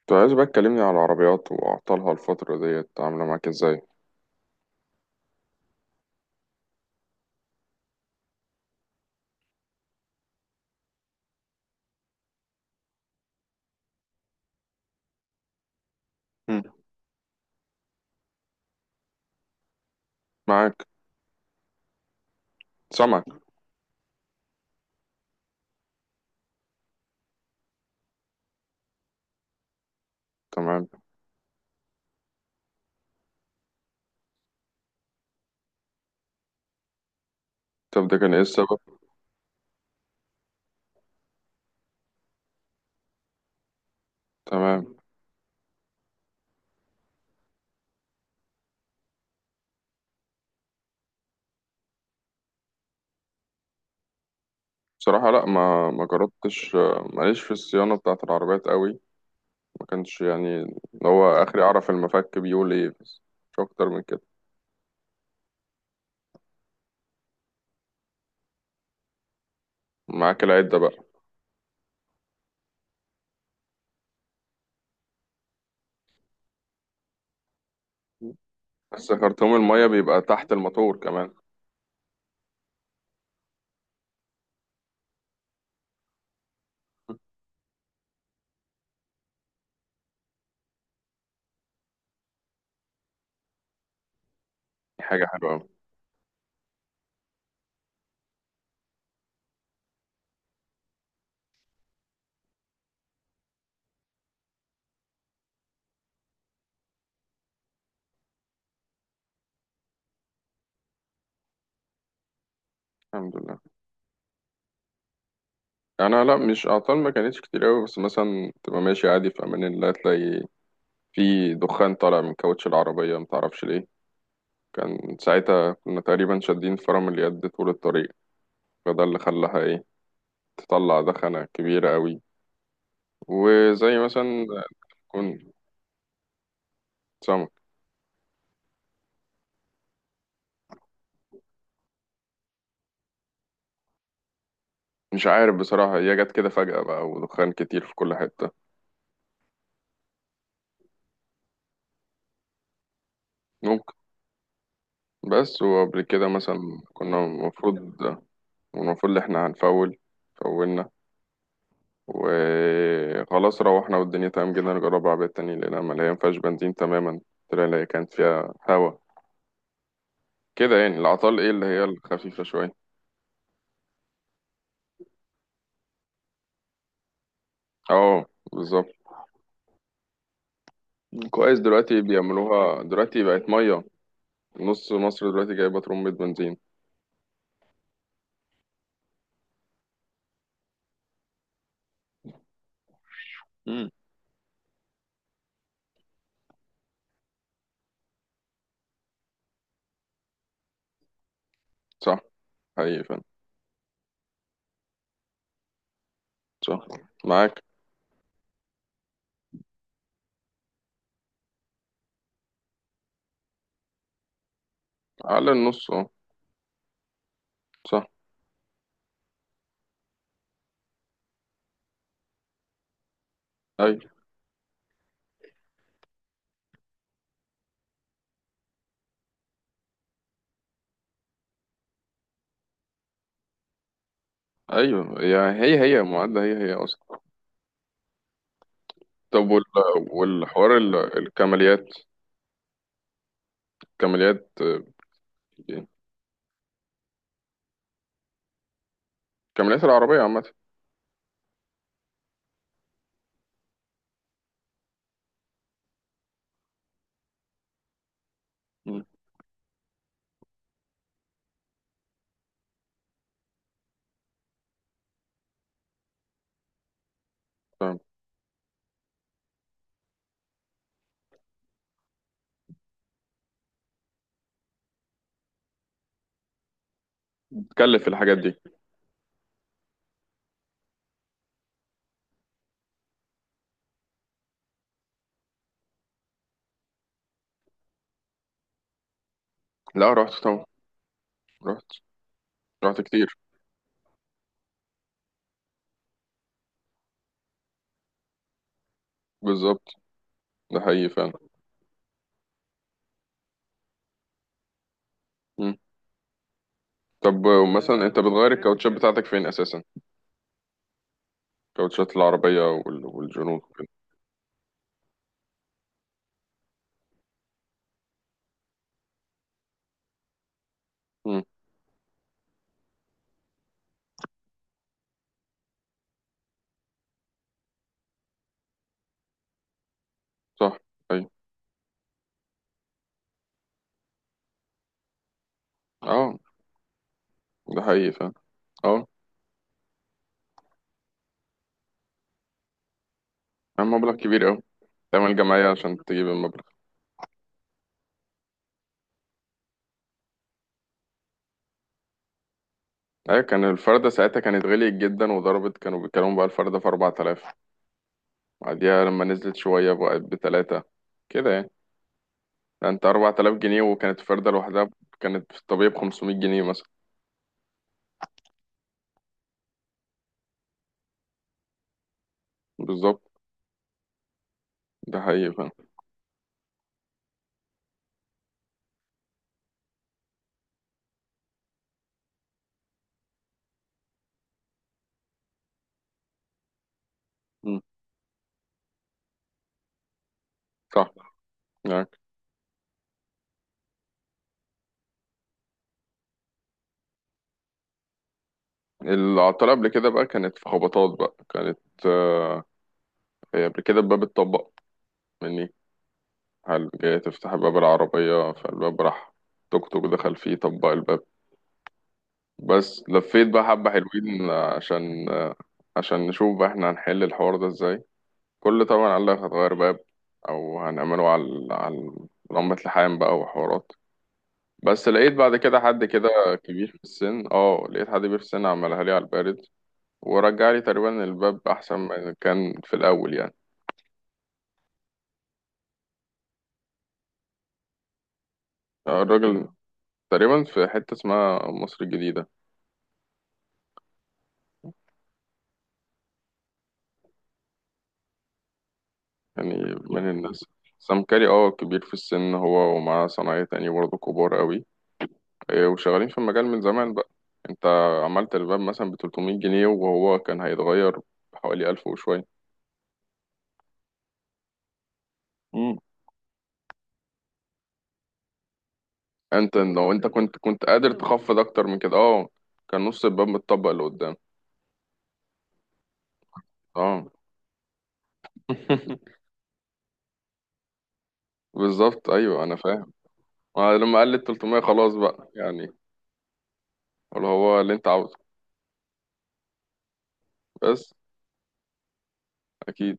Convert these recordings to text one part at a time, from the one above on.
كنت عايز بقى تكلمني على العربيات وأعطالها الفترة ديت عاملة معاك إزاي؟ مم. معاك. سامعك. تمام. طب ده كان إيه السبب؟ تمام. بصراحة لأ، ما جربتش. ماليش في الصيانة بتاعة العربيات قوي. ما كانش يعني اللي هو آخري أعرف المفك بيقول إيه بس. مش أكتر من كده. معاك العدة بقى. بس خرطوم المية بيبقى تحت الموتور كمان. دي حاجة حلوة أوي. الحمد لله. أنا لأ، مش أعطال، ما كانتش كتير أوي، بس مثلا تبقى ماشي عادي في أمان الله تلاقي في دخان طالع من كاوتش العربية متعرفش ليه. كان ساعتها كنا تقريبا شادين فرامل يد طول الطريق، فده اللي خلاها ايه، تطلع دخنة كبيرة قوي. وزي مثلا كون، سمك. مش عارف بصراحة، هي جت كده فجأة بقى، ودخان كتير في كل حتة. ممكن. بس وقبل كده مثلا كنا المفروض، المفروض إن احنا هنفول، فولنا وخلاص، روحنا والدنيا تمام جدا، نجرب عربية تانية لقينا مليان فيهاش بنزين تماما. طلع هي كانت فيها هوا كده، يعني العطال ايه اللي هي الخفيفة شوية. اه. بالظبط. كويس، دلوقتي بيعملوها دلوقتي بقت ميه. نص مصر دلوقتي جايبه ترمبة بنزين. امم. صح. حقيقي فعلا. صح. معاك. على النص اه. صح. اي. ايوه، يا هي هي معادلة هي هي اصلا. طب وال... والحوار الكماليات، كماليات. كماليات العربية عامة. مم. فاهم. تكلف الحاجات دي. لا رحت طبعا، رحت رحت كتير. بالظبط. ده حقيقي فعلا. مم. طب مثلا انت بتغير الكاوتشات بتاعتك فين اساسا؟ كاوتشات العربية. وال... والجنوب. مم. صح. أيوة. أه. ده حقيقي فعلا. أه. كان مبلغ كبير أوي. تعمل جمعية عشان تجيب المبلغ. أيوة، كان الفردة ساعتها كانت غليت جدا وضربت، كانوا بيتكلموا بقى الفردة في 4000. بعديها لما نزلت شوية بقت بتلاتة كده يعني. ده أنت 4000 جنيه وكانت الفردة لوحدها، كانت في الطبيعي ب 500 جنيه مثلا. بالظبط. ده حقيقي فعلا. مم. صح. يعني العطلة قبل كده بقى كانت في خبطات بقى كانت آه، هي قبل كده الباب اتطبق مني، هل جاي تفتح باب العربية فالباب راح، توك توك دخل فيه طبق الباب. بس لفيت بقى حبة حلوين عشان عشان نشوف بقى احنا هنحل الحوار ده ازاي. كل طبعا قال لك هتغير باب، او هنعمله على لمبة لحام بقى وحوارات. بس لقيت بعد كده حد كده كبير في السن، لقيت حد كبير في السن عملها لي على البارد، ورجع لي تقريبا الباب احسن ما كان في الاول يعني. الراجل تقريبا في حتة اسمها مصر الجديدة يعني، من الناس. سام كاري كبير في السن، هو ومعاه صنايعية تاني برضه كبار قوي، إيه، وشغالين في المجال من زمان بقى. انت عملت الباب مثلا ب 300 جنيه وهو كان هيتغير بحوالي 1000 وشوية. مم. انت لو انت كنت قادر تخفض اكتر من كده، اه، كان نص الباب متطبق لقدام. اه. بالظبط، ايوه انا فاهم. ما لما قال لي 300 خلاص بقى يعني، اللي هو اللي انت عاوزه. بس. اكيد.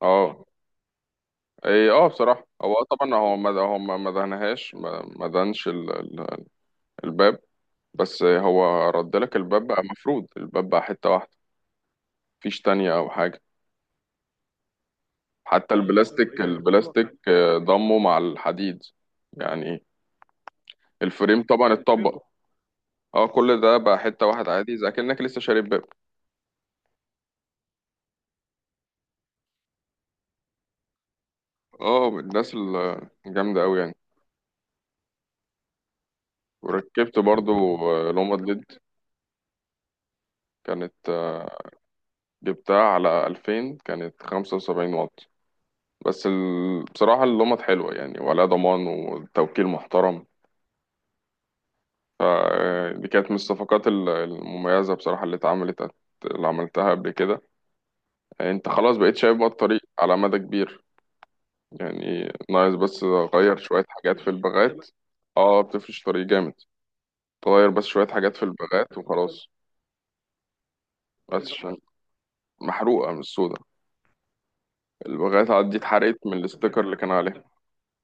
اه. إيه، اه، بصراحة هو آه طبعا هو ما دهنهاش، ما دهنش ال... ال... الباب. بس هو رد لك الباب بقى مفرود، الباب بقى حتة واحدة، مفيش تانية أو حاجة. حتى البلاستيك ضمه مع الحديد يعني، الفريم طبعا اتطبق. اه، كل ده بقى حتة واحدة عادي زي كأنك لسه شاري باب. اه الناس الجامدة أوي يعني. وركبت برضو لومد ليد، كانت جبتها على 2000، كانت 75 واط. بس ال... بصراحة اللمط حلوة يعني، ولا ضمان والتوكيل محترم، فدي كانت من الصفقات المميزة بصراحة اللي اتعملت، اللي عملتها قبل كده. يعني انت خلاص بقيت شايف بقى الطريق على مدى كبير يعني، ناقص بس غير شوية حاجات في البغات. اه بتفرش طريق جامد، تغير بس شوية حاجات في البغات وخلاص. بس عشان محروقة من السودا، البغات عاد دي اتحرقت من الاستيكر اللي كان عليها.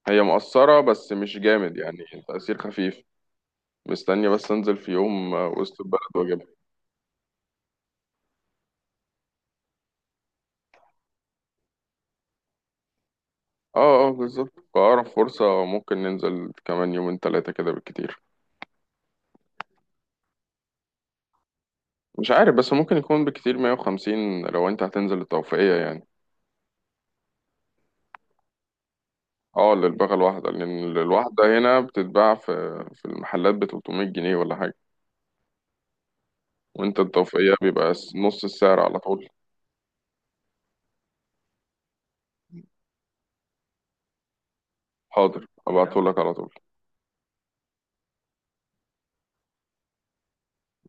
هي مؤثرة بس مش جامد يعني، تأثير خفيف. مستني بس انزل في يوم وسط البلد واجيبها. اه اه بالظبط، فأقرب فرصة ممكن ننزل كمان يومين تلاتة كده بالكتير. مش عارف، بس ممكن يكون بالكتير 150 لو انت هتنزل التوفيقية يعني. اه، للبغل الواحدة، لأن الواحدة هنا بتتباع في المحلات ب 300 جنيه ولا حاجة، وانت التوفيقية بيبقى نص السعر على طول. حاضر هبعتهولك على طول.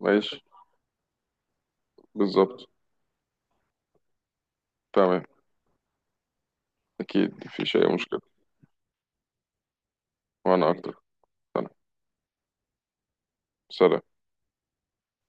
ماشي. بالظبط. تمام. أكيد مفيش أي مشكلة. وأنا أكتر. تمام. سلام.